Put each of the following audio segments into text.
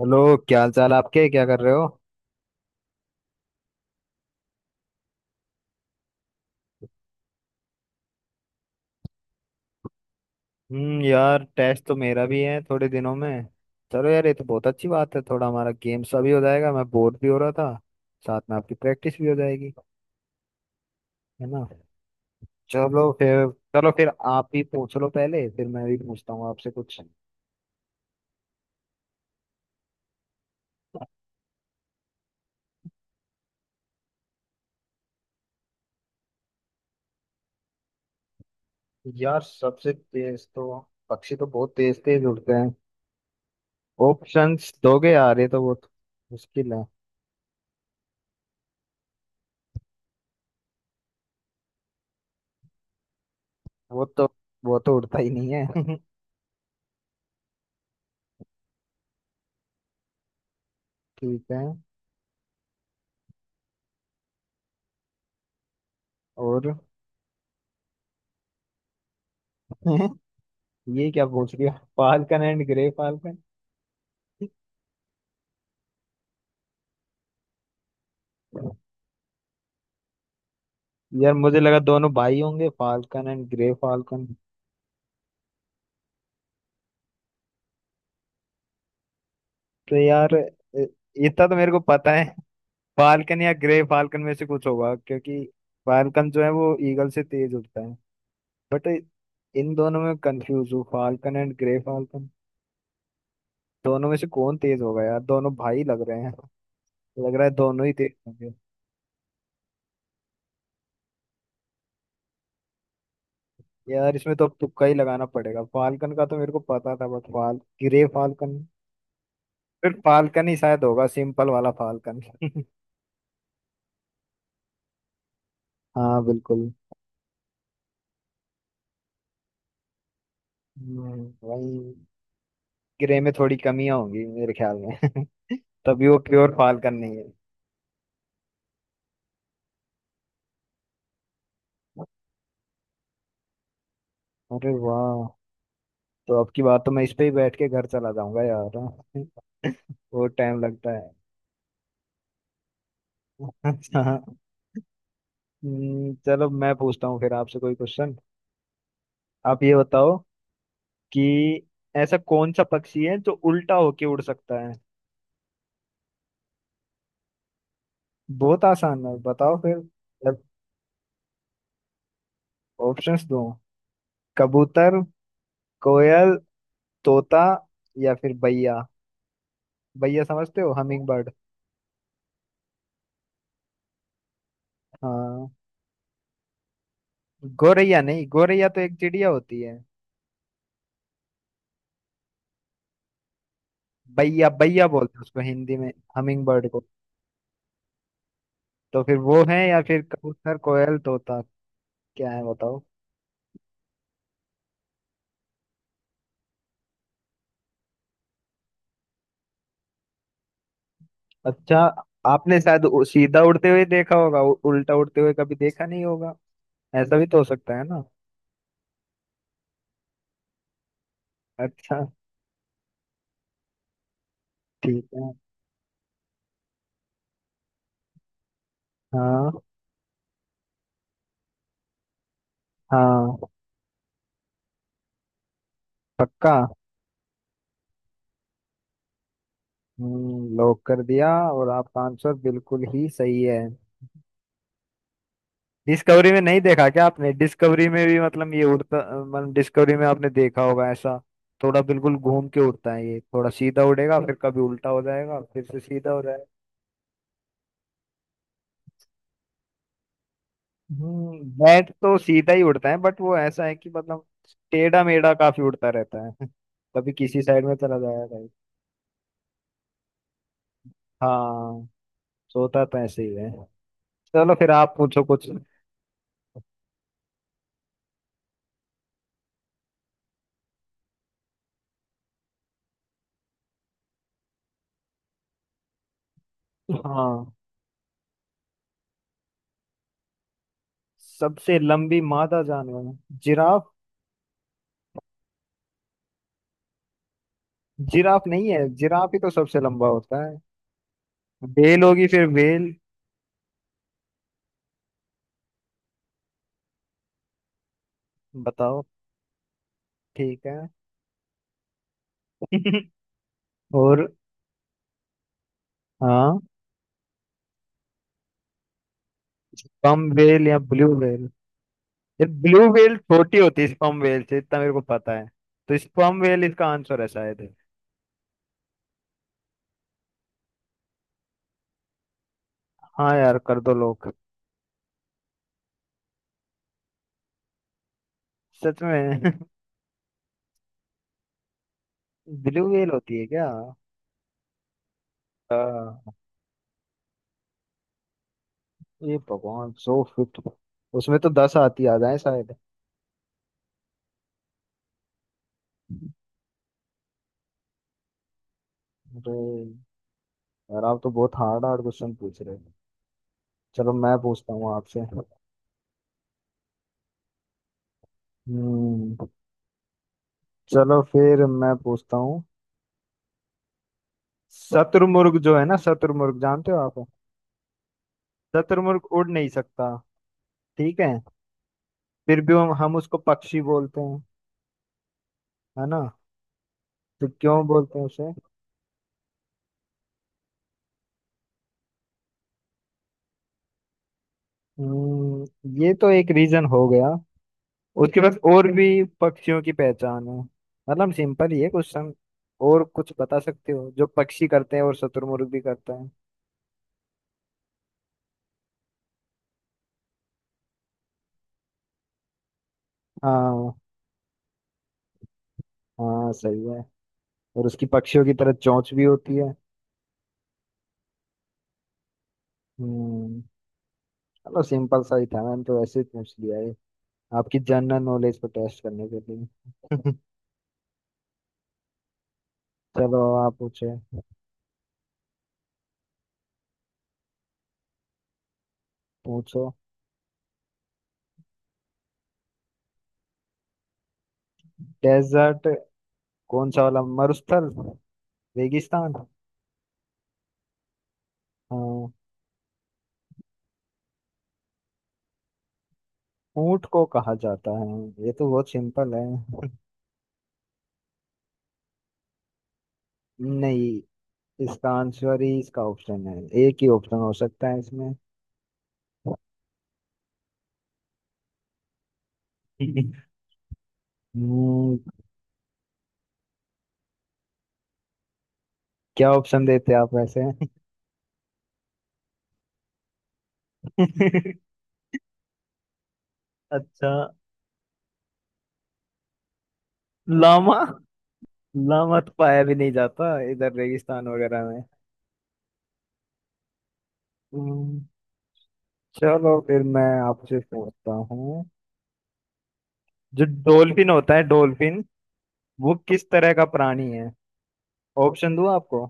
Hello, क्या हाल चाल आपके? क्या कर रहे हो? यार, टेस्ट तो मेरा भी है थोड़े दिनों में। चलो यार, ये तो बहुत अच्छी बात है। थोड़ा हमारा गेम सा भी हो जाएगा, मैं बोर भी हो रहा था। साथ में आपकी प्रैक्टिस भी हो जाएगी, है ना। चलो फिर। चलो फिर, आप भी पूछ लो पहले, फिर मैं भी पूछता हूँ आपसे कुछ। यार, सबसे तेज तो... पक्षी तो बहुत तेज तेज उड़ते हैं। ऑप्शंस दोगे यार? ये तो बहुत मुश्किल है। वो तो वो तो उड़ता ही नहीं है ठीक है। और... ये क्या पूछ लिया। Falcon and grey falcon. यार, मुझे लगा दोनों भाई होंगे, फाल्कन एंड ग्रे फाल्कन। तो यार इतना तो मेरे को पता है। फाल्कन या ग्रे फाल्कन में से कुछ होगा, क्योंकि फाल्कन जो है वो ईगल से तेज उड़ता है। बट इन दोनों में कंफ्यूज हूँ, फाल्कन एंड ग्रे फाल्कन। दोनों में से कौन तेज होगा यार? दोनों भाई लग रहे हैं, लग रहा है दोनों ही तेज होंगे। यार, इसमें तो अब तुक्का ही लगाना पड़ेगा। फाल्कन का तो मेरे को पता था, बट फाल ग्रे फाल्कन... फिर फाल्कन ही शायद होगा, सिंपल वाला फाल्कन हाँ, बिल्कुल। वही। ग्रे में थोड़ी कमियां होंगी मेरे ख्याल में। तभी वो प्योर फाल्कन नहीं है। अरे वाह, तो अब की बात तो मैं इस पे ही बैठ के घर चला जाऊंगा यार वो टाइम लगता है अच्छा। चलो मैं पूछता हूँ फिर आपसे कोई क्वेश्चन। आप ये बताओ कि ऐसा कौन सा पक्षी है जो उल्टा होके उड़ सकता है? बहुत आसान है? बताओ फिर। ऑप्शंस दो। कबूतर, कोयल, तोता, या फिर बैया। बैया समझते हो? Hummingbird. हाँ। गोरैया नहीं, गोरैया तो एक चिड़िया होती है। बैया बैया बोलते हैं उसको हिंदी में। हमिंग बर्ड को। तो फिर वो है, या फिर कबूतर, कोयल, तोता? क्या है बताओ। अच्छा। आपने शायद सीधा उड़ते हुए देखा होगा, उल्टा उड़ते हुए कभी देखा नहीं होगा। ऐसा भी तो हो सकता है ना। अच्छा। ठीक है। हाँ। हाँ, पक्का। लॉक कर दिया, और आपका आंसर बिल्कुल ही सही है। डिस्कवरी में नहीं देखा क्या आपने? डिस्कवरी में भी मतलब ये उड़ता... मतलब डिस्कवरी में आपने देखा होगा ऐसा। थोड़ा बिल्कुल घूम के उड़ता है ये, थोड़ा सीधा उड़ेगा, फिर कभी उल्टा हो जाएगा, फिर से सीधा हो जाएगा। बैट तो सीधा ही उड़ता है, बट वो ऐसा है कि मतलब... टेढ़ा मेढ़ा काफी उड़ता रहता है कभी किसी साइड में चला जाएगा, कभी... हाँ, सोता तो ऐसे ही है। चलो फिर आप पूछो कुछ। हाँ, सबसे लंबी मादा जानवर... जिराफ। जिराफ नहीं है? जिराफ ही तो सबसे लंबा होता है। बेल होगी फिर, बेल। बताओ। ठीक है। और... हाँ। स्पम वेल या ब्लू वेल? यार, ब्लू वेल छोटी होती है स्पम वेल से, इतना मेरे को पता है। तो स्पम वेल इसका आंसर है शायद। हाँ यार, कर दो लोग। सच में? ब्लू वेल होती है क्या? आ, ये भगवान, 100 फिट। उसमें तो 10 आती आ जाए शायद। अरे यार, आप तो बहुत हार्ड हार्ड क्वेश्चन पूछ रहे हो। चलो मैं पूछता हूँ आपसे। हम्म चलो फिर मैं पूछता हूँ। शत्रुमुर्ग जो है ना, शत्रुमुर्ग जानते हो आप? शत्रुमुर्ग उड़ नहीं सकता, ठीक है? फिर भी हम उसको पक्षी बोलते हैं, है ना? तो क्यों बोलते हैं उसे? हम्म, ये तो एक रीजन हो गया। उसके बाद और भी पक्षियों की पहचान है। मतलब सिंपल ही है क्वेश्चन। और कुछ बता सकते हो जो पक्षी करते हैं और शत्रुमुर्ग भी करता है? हाँ, हाँ सही है। और उसकी पक्षियों की तरह चोंच भी होती है। हम्म चलो, सिंपल सा ही था, मैंने तो वैसे ही पूछ लिया, आपकी जनरल नॉलेज को टेस्ट करने के लिए चलो आप पूछे। पूछो। डेजर्ट... कौन सा वाला? मरुस्थल, रेगिस्तान? हाँ। ऊंट को कहा जाता है, ये तो बहुत सिंपल है। नहीं, इसका आंसर ही इसका ऑप्शन है, एक ही ऑप्शन हो सकता है इसमें। हम्म, क्या ऑप्शन देते आप वैसे? अच्छा। लामा? लामा तो पाया भी नहीं जाता इधर रेगिस्तान वगैरह में। चलो फिर मैं आपसे पूछता हूँ। जो डॉल्फिन होता है, डॉल्फिन वो किस तरह का प्राणी है? ऑप्शन दूँ आपको?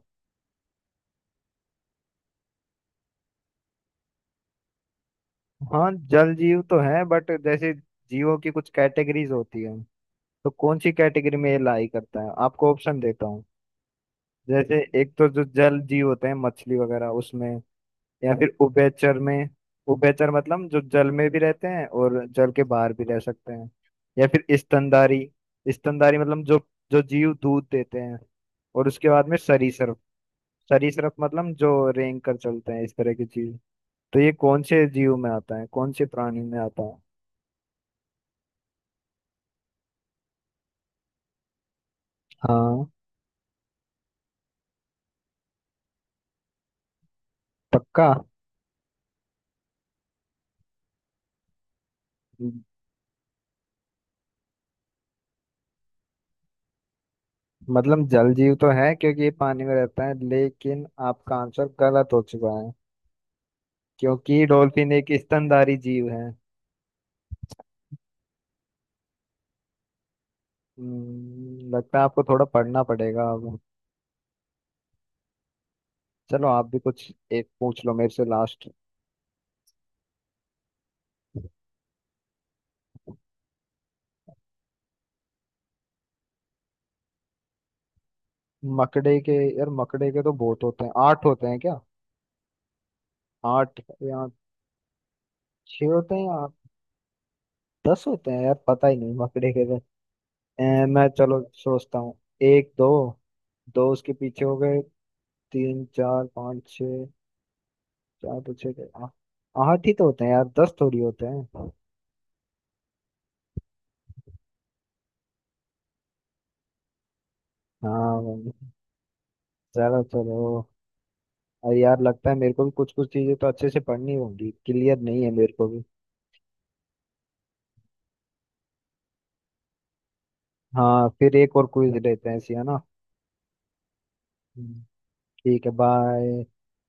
हाँ, जल जीव तो है, बट जैसे... जीवों की कुछ कैटेगरीज होती है, तो कौन सी कैटेगरी में ये लाई करता है? आपको ऑप्शन देता हूँ। जैसे एक तो जो जल जीव होते हैं, मछली वगैरह उसमें, या फिर उभयचर में। उभयचर मतलब जो जल में भी रहते हैं और जल के बाहर भी रह सकते हैं। या फिर स्तनधारी। स्तनधारी मतलब जो जो जीव दूध देते हैं। और उसके बाद में सरीसृप। सरीसृप मतलब जो रेंग कर चलते हैं, इस तरह की चीज। तो ये कौन से जीव में आता है, कौन से प्राणी में आता है? हाँ, पक्का। मतलब जल जीव तो है क्योंकि ये पानी में रहता है, लेकिन आपका आंसर गलत हो चुका है, क्योंकि डॉल्फिन एक स्तनधारी जीव है। लगता है आपको थोड़ा पढ़ना पड़ेगा अब। चलो आप भी कुछ एक पूछ लो मेरे से, लास्ट। मकड़े के... यार, मकड़े के तो बहुत होते हैं। आठ होते हैं क्या? आठ, या छह होते हैं, या आठ, 10 होते हैं? यार पता ही नहीं मकड़े के तो। मैं चलो सोचता हूँ। एक, दो, दो उसके पीछे हो गए। तीन, चार, पाँच, छः। चार तो छः गए, आठ ही तो होते हैं यार, 10 थोड़ी होते हैं। हाँ। चलो चलो। अरे यार, लगता है मेरे को भी कुछ कुछ चीजें तो अच्छे से पढ़नी होंगी, क्लियर नहीं है मेरे को भी। हाँ, फिर एक और क्विज लेते हैं ऐसी, है ना? हम्म। ठीक है, बाय।